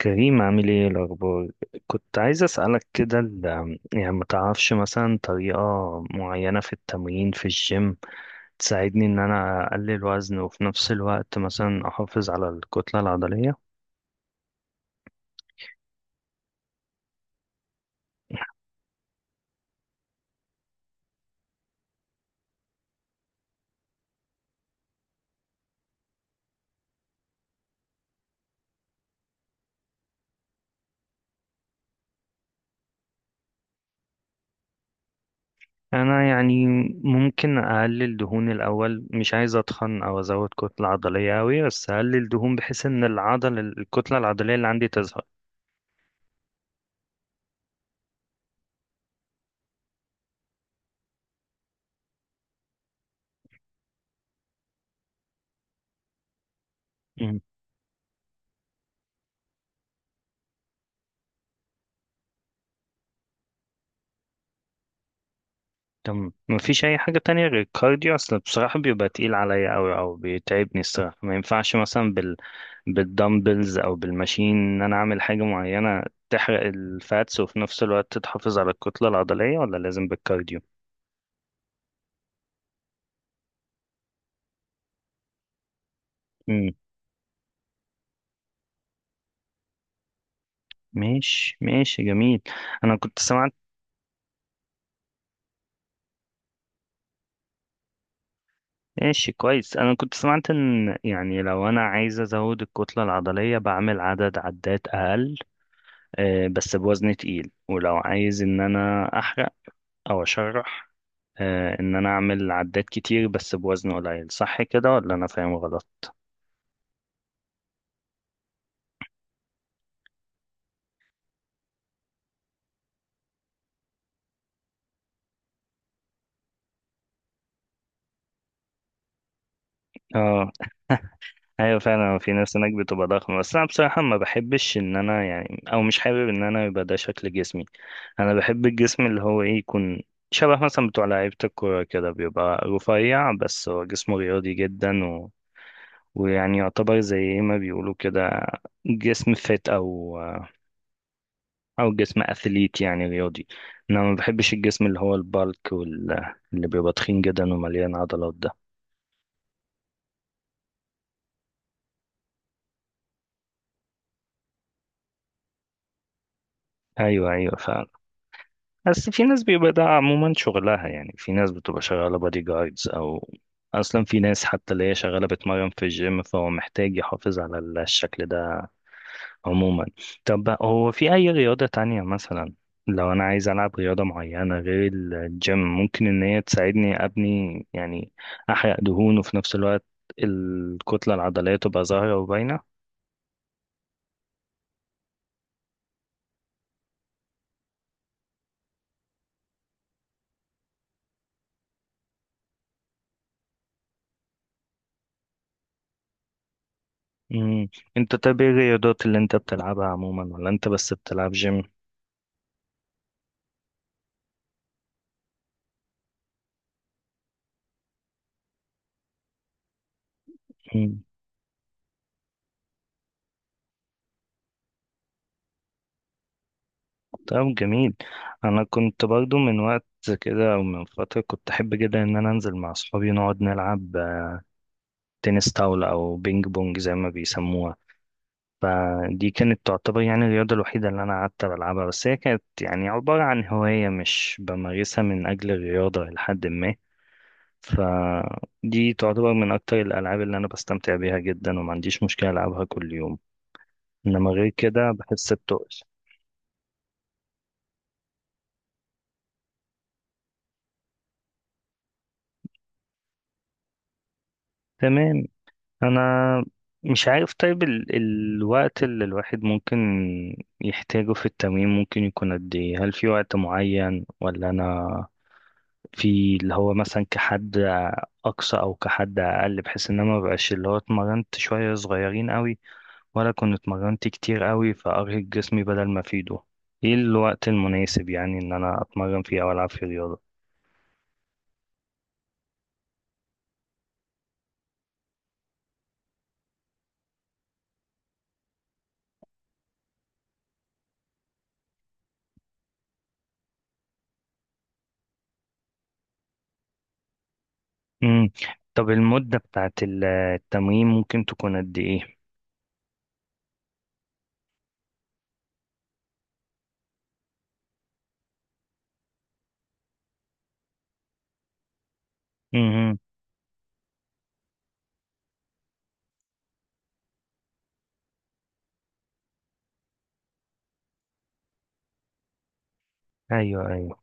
كريم، عامل ايه الاخبار؟ كنت عايز اسالك كده يعني ما تعرفش مثلا طريقه معينه في التمرين في الجيم تساعدني ان انا اقلل وزن، وفي نفس الوقت مثلا احافظ على الكتله العضليه. انا يعني ممكن اقلل دهون الاول، مش عايز اتخن او ازود كتله عضليه قوي، بس اقلل دهون بحيث ان العضل الكتله العضليه اللي عندي تظهر. مم. تمام، مفيش اي حاجه تانية غير الكارديو؟ اصل بصراحه بيبقى تقيل عليا قوي او بيتعبني الصراحه، ما ينفعش مثلا بالدمبلز او بالماشين ان انا اعمل حاجه معينه تحرق الفاتس وفي نفس الوقت تحافظ على الكتله العضليه، ولا لازم بالكارديو؟ امم ماشي ماشي، جميل. انا كنت سمعت، ماشي كويس، انا كنت سمعت ان يعني لو انا عايز ازود الكتله العضليه بعمل عدد عدات اقل بس بوزن تقيل، ولو عايز ان انا احرق او اشرح ان انا اعمل عدات كتير بس بوزن قليل، صح كده ولا انا فاهم غلط؟ اه، ايوه فعلا في ناس هناك بتبقى ضخمه، بس انا بصراحه ما بحبش ان انا يعني، او مش حابب ان انا يبقى ده شكل جسمي. انا بحب الجسم اللي هو ايه، يكون شبه مثلا بتوع لعيبه الكوره كده، بيبقى رفيع بس هو جسمه رياضي جدا ويعني يعتبر زي إيه ما بيقولوا كده، جسم فت او او جسم اثليت يعني رياضي. انا ما بحبش الجسم اللي هو البالك اللي بيبقى تخين جدا ومليان عضلات ده. ايوه ايوه فعلا. بس في ناس بيبقى ده عموما شغلها، يعني في ناس بتبقى شغالة بادي جاردز، أو أصلا في ناس حتى اللي هي شغالة بتمرن في الجيم، فهو محتاج يحافظ على الشكل ده عموما. طب هو في أي رياضة تانية مثلا لو أنا عايز ألعب رياضة معينة غير الجيم، ممكن إن هي تساعدني أبني يعني، أحرق دهون وفي نفس الوقت الكتلة العضلية تبقى ظاهرة وباينة؟ مم. أنت طب إيه الرياضات اللي أنت بتلعبها عموما، ولا أنت بس بتلعب جيم؟ طب جميل. انا كنت برضو من وقت كده او من فتره كنت احب جدا ان انا انزل مع اصحابي نقعد نلعب تنس طاوله او بينج بونج زي ما بيسموها. فدي كانت تعتبر يعني الرياضه الوحيده اللي انا قعدت بلعبها، بس هي كانت يعني عباره عن هوايه مش بمارسها من اجل الرياضه لحد ما. فدي تعتبر من اكتر الالعاب اللي انا بستمتع بيها جدا، وما عنديش مشكله العبها كل يوم، انما غير كده بحس بتقل. تمام. انا مش عارف طيب الوقت اللي الواحد ممكن يحتاجه في التمرين ممكن يكون قد ايه؟ هل في وقت معين، ولا انا في اللي هو مثلا كحد اقصى او كحد اقل، بحيث ان انا ما بقاش اللي هو اتمرنت شوية صغيرين قوي ولا كنت اتمرنت كتير قوي فارهق جسمي بدل ما افيده؟ ايه الوقت المناسب يعني ان انا اتمرن فيه او العب فيه رياضة؟ امم طب المدة بتاعت التمرين ممكن تكون قد ايه؟ امم ايوه ايوه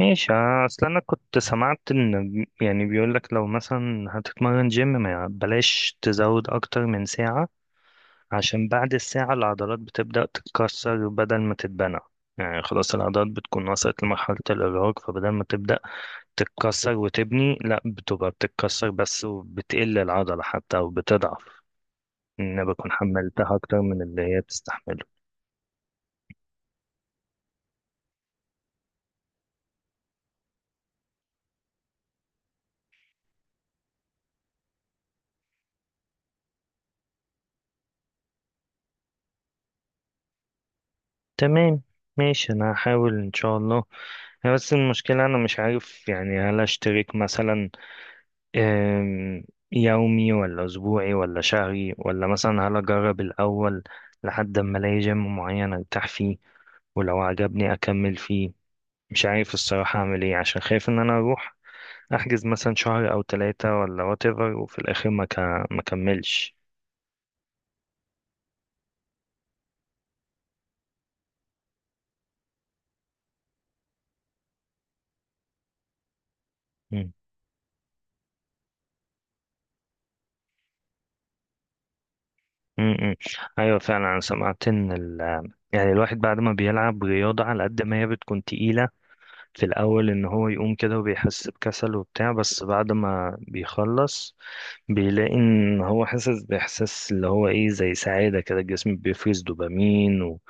ماشي. اصل انا كنت سمعت ان يعني بيقول لك لو مثلا هتتمرن جيم ما بلاش تزود اكتر من ساعة، عشان بعد الساعة العضلات بتبدأ تتكسر بدل ما تتبنى. يعني خلاص العضلات بتكون وصلت لمرحلة الإرهاق، فبدل ما تبدأ تتكسر وتبني لا، بتبقى بتتكسر بس وبتقل العضلة حتى وبتضعف، إن أنا بكون حملتها أكتر من اللي هي بتستحمله. تمام ماشي، انا هحاول ان شاء الله. هي بس المشكلة انا مش عارف يعني، هل اشترك مثلا آم، يومي ولا اسبوعي ولا شهري، ولا مثلا هل اجرب الاول لحد ما الاقي جيم معين ارتاح فيه، ولو عجبني اكمل فيه؟ مش عارف الصراحة اعمل ايه، عشان خايف ان انا اروح احجز مثلا شهر او ثلاثة ولا whatever، وفي الاخر ما كملش. امم ايوه فعلا انا سمعت ان ال، يعني الواحد بعد ما بيلعب رياضة على قد ما هي بتكون تقيلة في الأول إن هو يقوم كده وبيحس بكسل وبتاع، بس بعد ما بيخلص بيلاقي إن هو حاسس بإحساس اللي هو إيه، زي سعادة كده، الجسم بيفرز دوبامين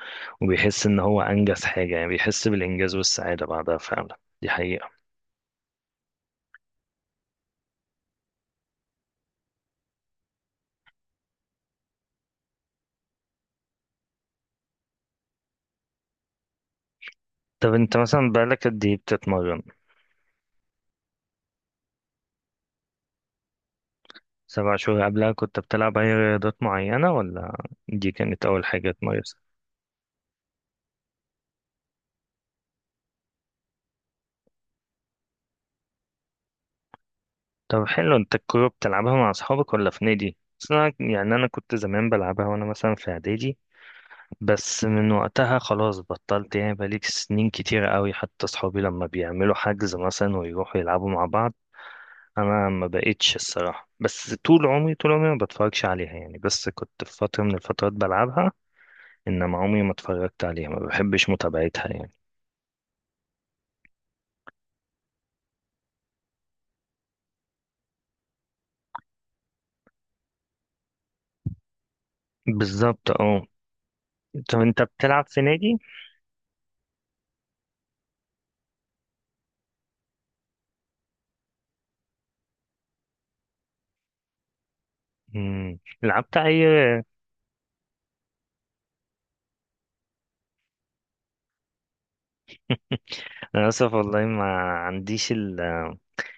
وبيحس إن هو أنجز حاجة، يعني بيحس بالإنجاز والسعادة بعدها فعلا. دي حقيقة. طب أنت مثلا بقالك قد إيه بتتمرن؟ 7 شهور، قبلها كنت بتلعب أي رياضات معينة، ولا دي كانت أول حاجة؟ طب حلو، انت الكورة بتلعبها مع اصحابك ولا في نادي؟ بس انا يعني انا كنت زمان بلعبها وانا مثلا في اعدادي، بس من وقتها خلاص بطلت، يعني بقالي سنين كتيرة قوي حتى اصحابي لما بيعملوا حجز مثلا ويروحوا يلعبوا مع بعض انا ما بقتش الصراحة. بس طول عمري طول عمري ما بتفرجش عليها يعني، بس كنت في فترة من الفترات بلعبها، انما عمري ما اتفرجت عليها، ما بحبش متابعتها يعني. بالظبط اه. طب انت بتلعب في نادي؟ مم. لعبت اي؟ انا اسف والله، ما عنديش ال،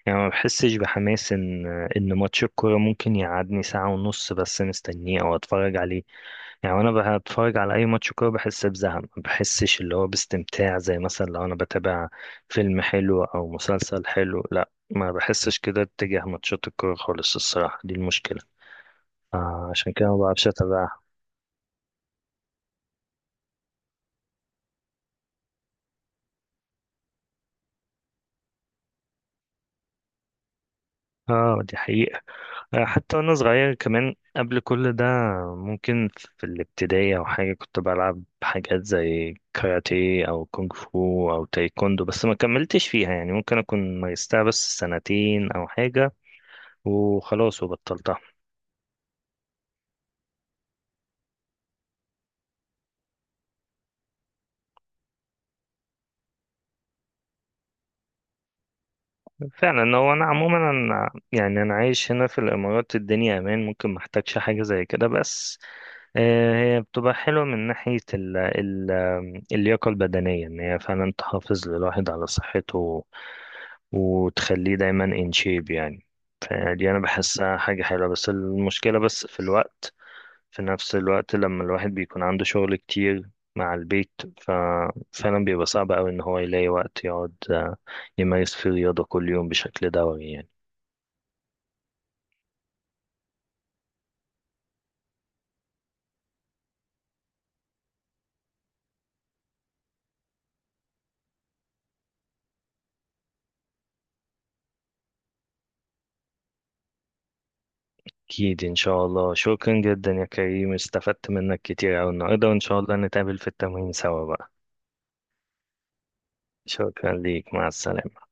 يعني ما بحسش بحماس ان ماتش الكوره ممكن يقعدني ساعه ونص بس مستنيه او اتفرج عليه يعني، وانا بتفرج على اي ماتش كوره بحس بزهق، ما بحسش اللي هو باستمتاع زي مثلا لو انا بتابع فيلم حلو او مسلسل حلو، لا ما بحسش كده اتجاه ماتشات الكوره خالص الصراحه، دي المشكله. عشان كده ما بعرفش اتابعها. اه دي حقيقة. حتى وانا صغير كمان قبل كل ده، ممكن في الابتدائي او حاجه، كنت بلعب حاجات زي كاراتيه او كونغ فو او تايكوندو، بس ما كملتش فيها يعني، ممكن اكون مارستها بس 2 سنين او حاجه وخلاص وبطلتها. فعلا. هو انا عموما أنا يعني انا عايش هنا في الامارات، الدنيا امان ممكن ما احتاجش حاجه زي كده، بس هي بتبقى حلوه من ناحيه ال اللياقه البدنيه، ان هي فعلا تحافظ للواحد على صحته وتخليه دايما ان شيب يعني. فدي انا بحسها حاجه حلوه، بس المشكله بس في الوقت، في نفس الوقت لما الواحد بيكون عنده شغل كتير مع البيت ففعلا بيبقى صعب أوي إن هو يلاقي وقت يقعد يمارس فيه رياضة كل يوم بشكل دوري يعني. أكيد إن شاء الله، شكرا جدا يا كريم، استفدت منك كتير أوي النهاردة، وإن شاء الله نتقابل في التمرين سوا بقى. شكرا ليك، مع السلامة.